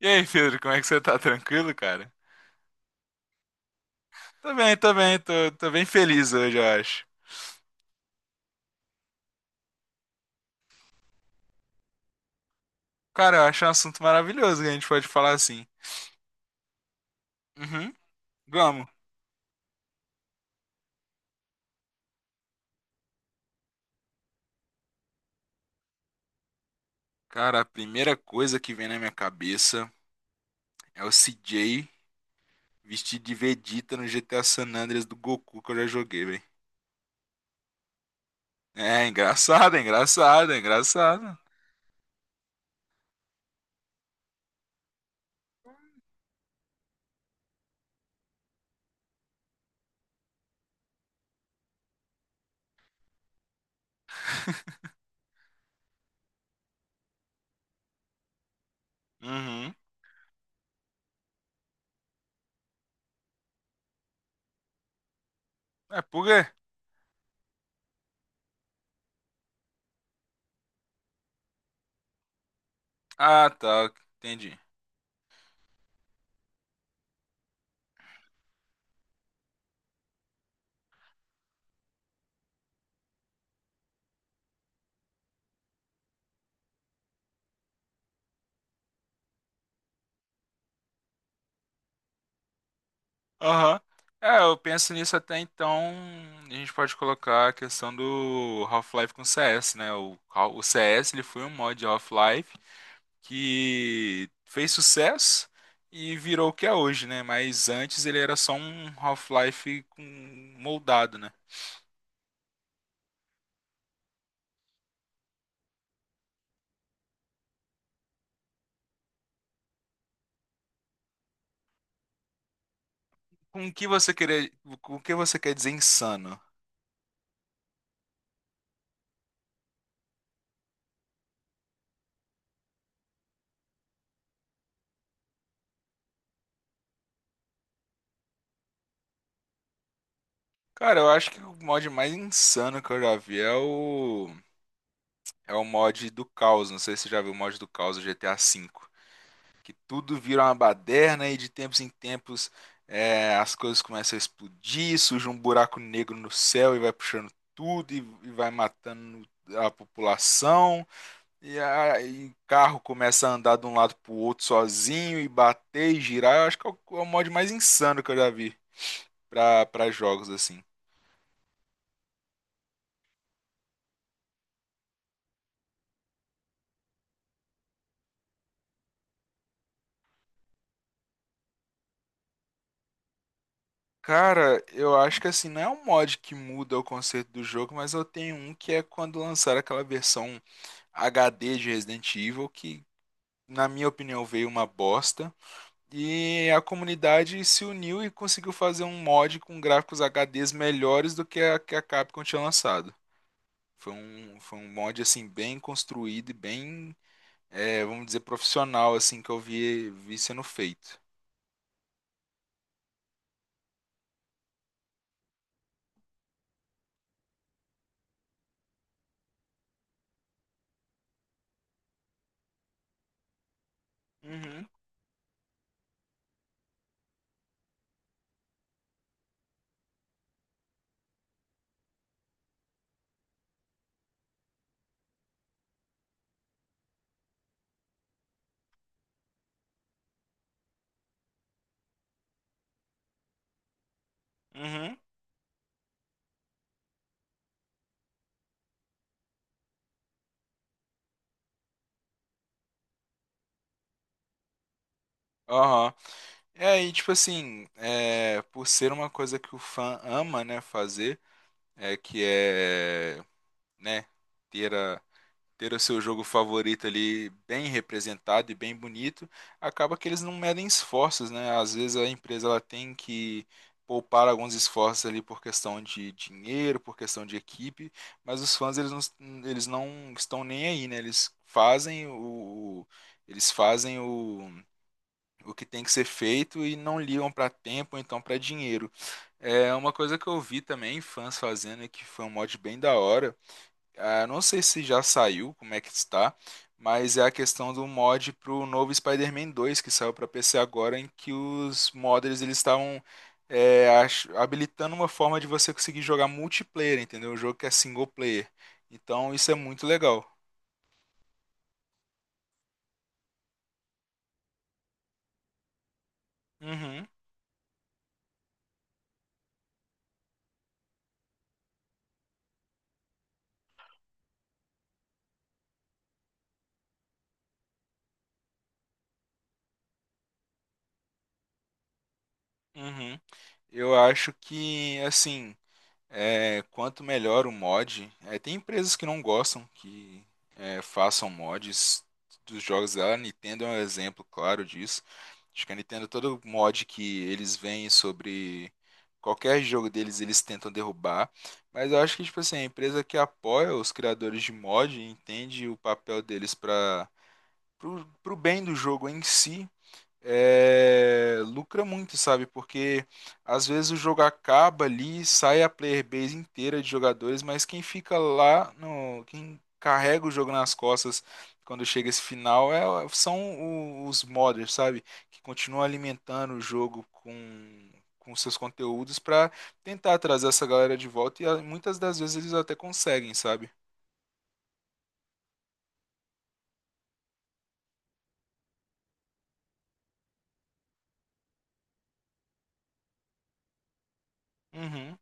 E aí, Pedro, como é que você tá? Tranquilo, cara? Tô bem feliz hoje, eu acho. Cara, eu acho um assunto maravilhoso que a gente pode falar assim. Uhum, vamos. Cara, a primeira coisa que vem na minha cabeça é o CJ vestido de Vegeta no GTA San Andreas do Goku que eu já joguei, velho. É engraçado. Uhum. É por quê? Ah, tá, entendi. Aham. É, eu penso nisso até então. A gente pode colocar a questão do Half-Life com CS, né? O CS ele foi um mod de Half-Life que fez sucesso e virou o que é hoje, né? Mas antes ele era só um Half-Life com- moldado, né? Com o que você querer, com o que você quer dizer insano? Cara, eu acho que o mod mais insano que eu já vi é o é o mod do Caos. Não sei se você já viu o mod do Caos do GTA V, que tudo vira uma baderna e de tempos em tempos, as coisas começam a explodir, surge um buraco negro no céu e vai puxando tudo, e vai matando a população e a, o carro começa a andar de um lado pro outro sozinho e bater e girar. Eu acho que é é o mod mais insano que eu já vi pra jogos assim. Cara, eu acho que assim, não é um mod que muda o conceito do jogo, mas eu tenho um que é quando lançaram aquela versão HD de Resident Evil que, na minha opinião, veio uma bosta. E a comunidade se uniu e conseguiu fazer um mod com gráficos HDs melhores do que a Capcom tinha lançado. Foi foi um mod assim bem construído e bem, vamos dizer, profissional, assim, que eu vi, vi sendo feito. Uhum, uhum. Aham. E aí, tipo assim, por ser uma coisa que o fã ama, né, fazer, é que é, né, ter ter o seu jogo favorito ali bem representado e bem bonito, acaba que eles não medem esforços, né? Às vezes a empresa ela tem que poupar alguns esforços ali por questão de dinheiro, por questão de equipe, mas os fãs, eles não estão nem aí, né? Eles fazem o que tem que ser feito e não ligam para tempo, ou então para dinheiro. É uma coisa que eu vi também fãs fazendo e que foi um mod bem da hora. Ah, não sei se já saiu, como é que está, mas é a questão do mod pro novo Spider-Man 2 que saiu para PC agora, em que os modders eles estavam, habilitando uma forma de você conseguir jogar multiplayer, entendeu? Um jogo que é single player. Então isso é muito legal. Uhum, uhum. Eu acho que assim, quanto melhor o mod, tem empresas que não gostam que, façam mods dos jogos dela. A Nintendo é um exemplo claro disso. Acho que a Nintendo, todo mod que eles veem sobre qualquer jogo deles, eles tentam derrubar. Mas eu acho que, tipo assim, a empresa que apoia os criadores de mod entende o papel deles para pro bem do jogo em si, lucra muito, sabe? Porque às vezes o jogo acaba ali, sai a player base inteira de jogadores, mas quem fica lá no, quem carrega o jogo nas costas quando chega esse final, são os modders, sabe? Que continuam alimentando o jogo com seus conteúdos para tentar trazer essa galera de volta e, ah, muitas das vezes eles até conseguem, sabe? Uhum.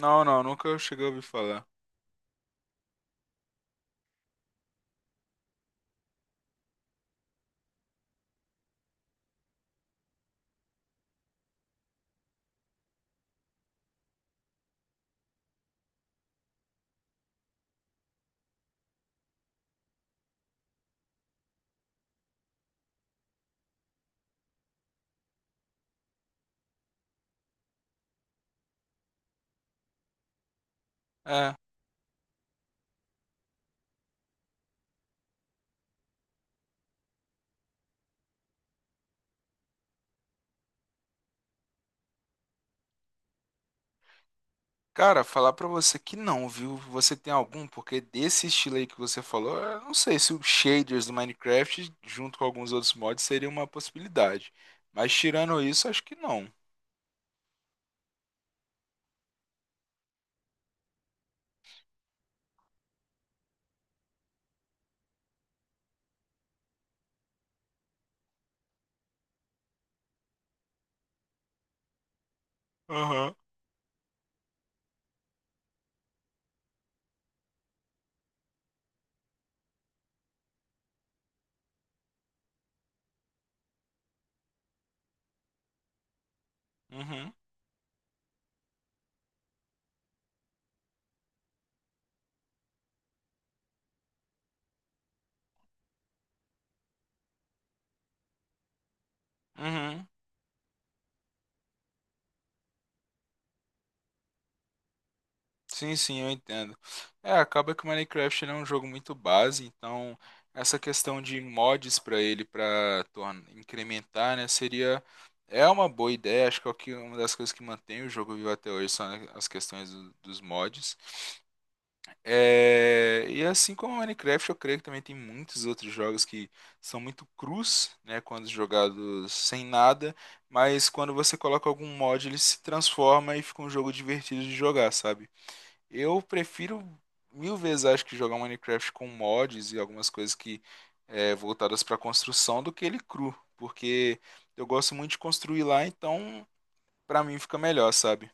Não, não, nunca cheguei a ouvir falar. É, Cara, falar pra você que não, viu? Você tem algum? Porque desse estilo aí que você falou, eu não sei se os shaders do Minecraft, junto com alguns outros mods, seria uma possibilidade. Mas tirando isso, acho que não. Aham. Uhum. Uhum. Sim, sim, eu entendo. É, acaba que o Minecraft ele é um jogo muito base, então essa questão de mods pra ele, para torn- incrementar, né, seria. É uma boa ideia, acho que é o que- uma das coisas que mantém o jogo vivo até hoje são as questões dos mods. É, e assim como Minecraft, eu creio que também tem muitos outros jogos que são muito crus, né, quando jogados sem nada, mas quando você coloca algum mod, ele se transforma e fica um jogo divertido de jogar, sabe? Eu prefiro 1.000 vezes, acho que jogar Minecraft com mods e algumas coisas que, voltadas para construção, do que ele cru, porque eu gosto muito de construir lá, então pra mim fica melhor, sabe?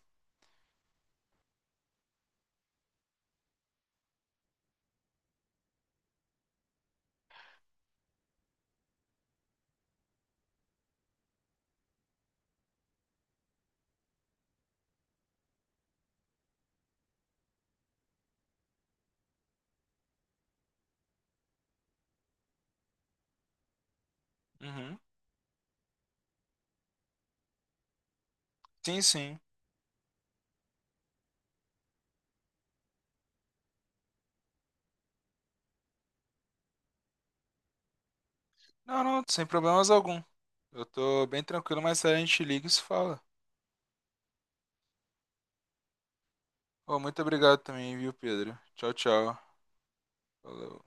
Uhum. Sim, sim. Não, não, sem problemas algum. Eu tô bem tranquilo, mas a gente liga e se fala. Ô, muito obrigado também, viu, Pedro? Tchau, tchau. Falou.